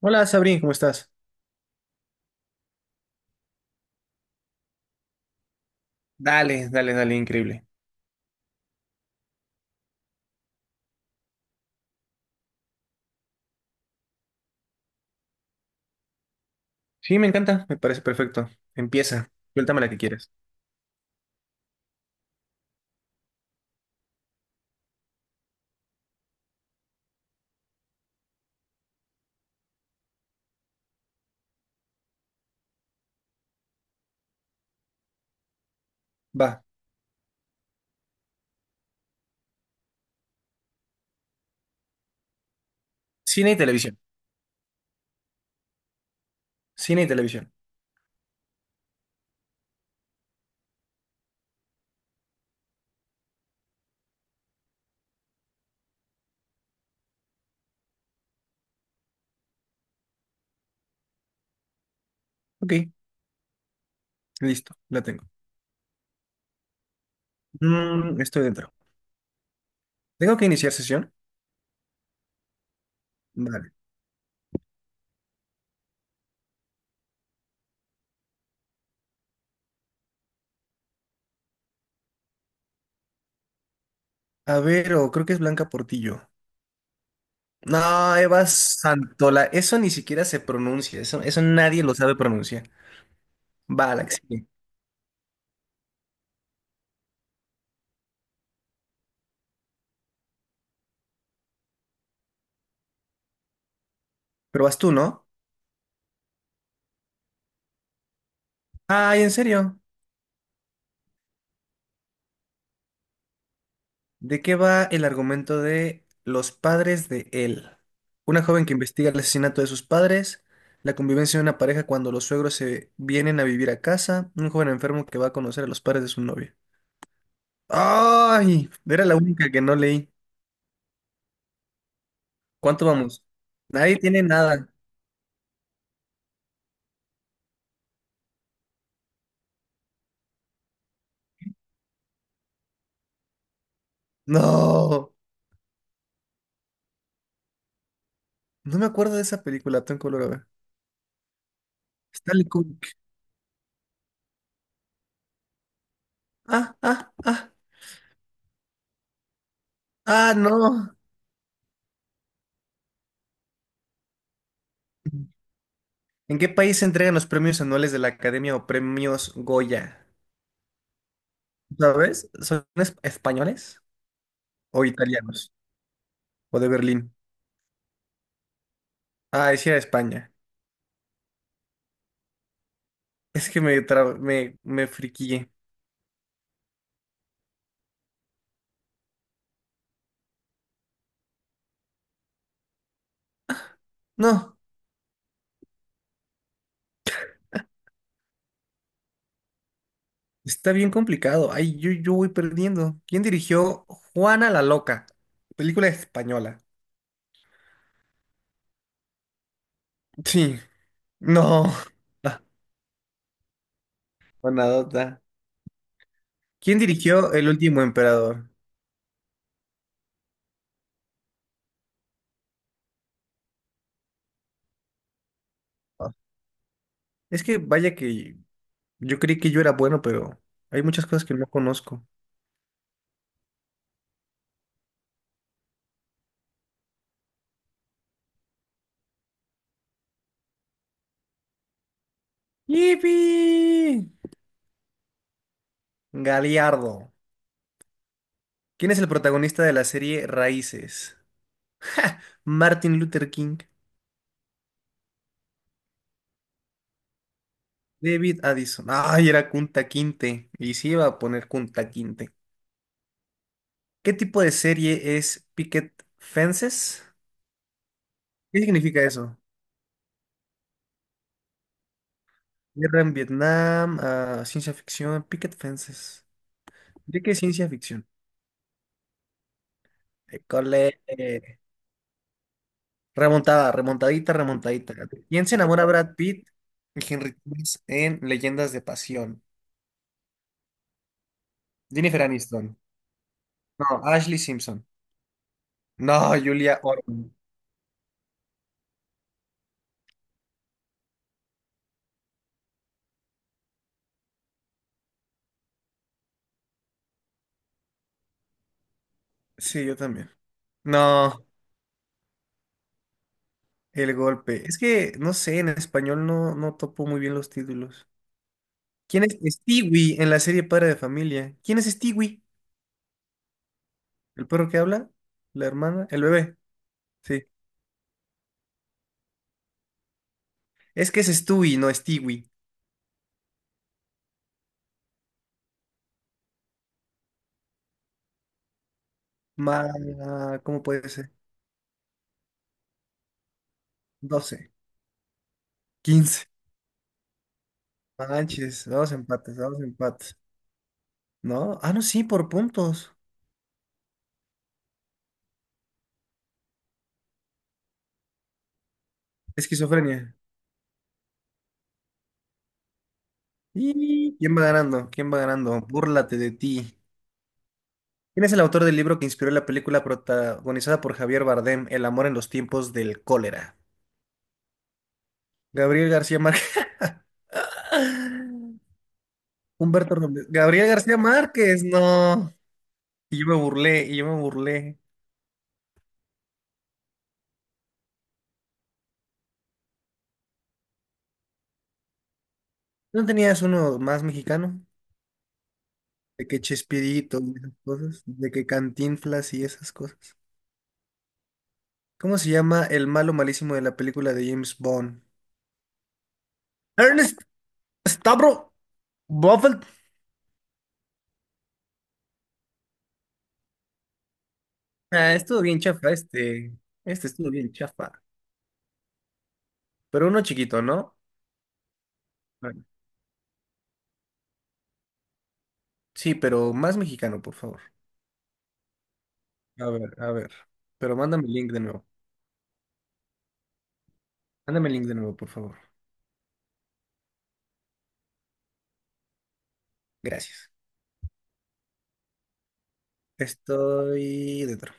Hola Sabrina, ¿cómo estás? Dale, dale, dale, increíble. Sí, me encanta, me parece perfecto. Empieza, suéltame la que quieras. Va, cine y televisión. Cine y televisión. Ok, listo, la tengo. Mm, estoy dentro. ¿Tengo que iniciar sesión? Vale. A ver, o creo que es Blanca Portillo. No, Eva Santola, eso ni siquiera se pronuncia, eso nadie lo sabe pronunciar. Va, la que sigue. Pero vas tú, ¿no? Ay, ¿en serio? ¿De qué va el argumento de Los padres de él? Una joven que investiga el asesinato de sus padres, la convivencia de una pareja cuando los suegros se vienen a vivir a casa, un joven enfermo que va a conocer a los padres de su novia. ¡Ay! Era la única que no leí. ¿Cuánto vamos? Nadie tiene nada. No, no me acuerdo de esa película, tengo que volver a ver. Stanley Kubrick. Ah, ah, ah, no. ¿En qué país se entregan los premios anuales de la Academia o premios Goya? ¿Sabes? ¿Son españoles o italianos? ¿O de Berlín? Ah, decía España. Es que me friquillé. No, está bien complicado. Ay, yo voy perdiendo. ¿Quién dirigió Juana la Loca? Película española. Sí. No. Ah, Buenadota. ¿Quién dirigió El último emperador? Ah, es que vaya que yo creí que yo era bueno, pero hay muchas cosas que no conozco. ¡Yipi! Galiardo. ¿Quién es el protagonista de la serie Raíces? Martin Luther King, David Addison. Ay, era Kunta Quinte. Y sí iba a poner Kunta Quinte. ¿Qué tipo de serie es Picket Fences? ¿Qué significa eso? Guerra en Vietnam, ah, ciencia ficción, Picket Fences. ¿De qué ciencia ficción? École, remontada, remontadita, remontadita. ¿Quién se enamora de Brad Pitt y Henry Cavill en Leyendas de Pasión? Jennifer Aniston. No, Ashley Simpson. No, Julia Orban. Sí, yo también. No, el golpe. Es que, no sé, en español no topo muy bien los títulos. ¿Quién es Stewie en la serie Padre de Familia? ¿Quién es Stewie? ¿El perro que habla? ¿La hermana? ¿El bebé? Sí. Es que es Stewie, no Stewie. Ma... ¿Cómo puede ser? 12. 15. No Manches, dos empates, dos empates. No, ah, no, sí, por puntos. Esquizofrenia. ¿Y quién va ganando? ¿Quién va ganando? Búrlate de ti. ¿Quién es el autor del libro que inspiró la película protagonizada por Javier Bardem, El amor en los tiempos del cólera? Gabriel García Márquez. Humberto Robles. Gabriel García Márquez, no. Y yo me burlé, y yo me burlé. ¿No tenías uno más mexicano? De que Chespirito y esas cosas, de que Cantinflas y esas cosas. ¿Cómo se llama el malo malísimo de la película de James Bond? Ernest Stavro Buffett. Ah, estuvo bien chafa este. Este estuvo bien chafa. Pero uno chiquito, ¿no? Sí, pero más mexicano, por favor. A ver, a ver. Pero mándame el link de nuevo. Mándame el link de nuevo, por favor. Gracias. Estoy dentro.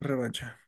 Revancha.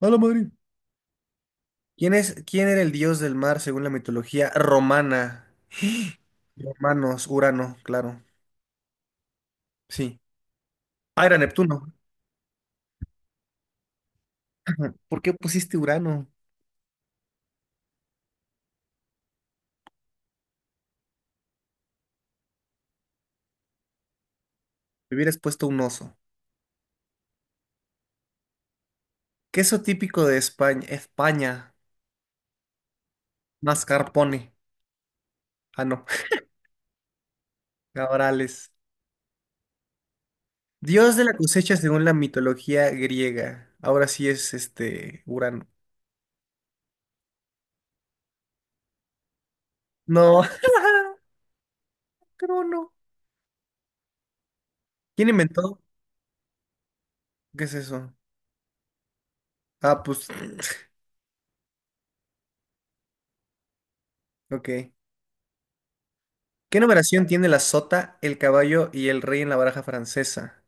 Hola, Madrid. ¿Quién es, quién era el dios del mar según la mitología romana? Romanos, Urano, claro. Sí. Ah, era Neptuno. ¿Por qué pusiste Urano? Me hubieras puesto un oso. Queso típico de España. España. Mascarpone. Ah, no. Cabrales. Dios de la cosecha según la mitología griega. Ahora sí es este Urano. No, Crono. ¿Quién inventó? ¿Qué es eso? Ah, pues, ok. ¿Qué numeración tiene la sota, el caballo y el rey en la baraja francesa?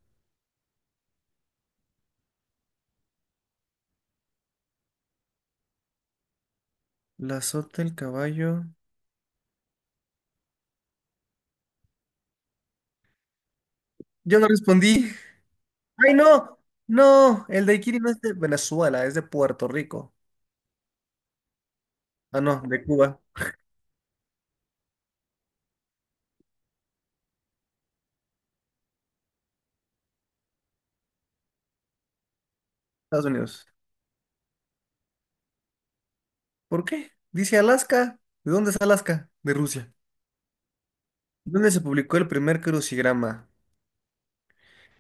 La sota, el caballo. Yo no respondí. ¡Ay, no! No, el daiquiri no es de Venezuela, es de Puerto Rico. Ah, no, de Cuba, Estados Unidos. ¿Por qué? Dice Alaska. ¿De dónde es Alaska? De Rusia. ¿Dónde se publicó el primer crucigrama?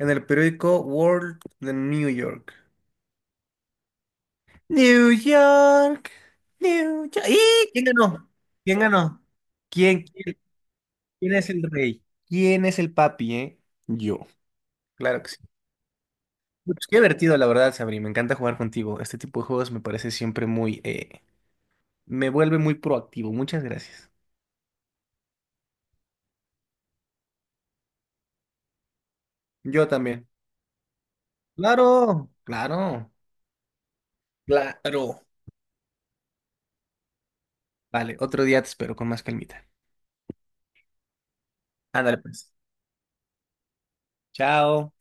En el periódico World de New York. New York, New York. ¡Y! ¿Quién ganó? ¿Quién ganó? ¿Quién, quién, ¿quién es el rey? ¿Quién es el papi, eh? Yo. Claro que sí. Pues qué divertido, la verdad, Sabri. Me encanta jugar contigo. Este tipo de juegos me parece siempre muy... me vuelve muy proactivo. Muchas gracias. Yo también. Claro, claro, claro. Vale, otro día te espero con más calmita. Ándale, pues. Chao.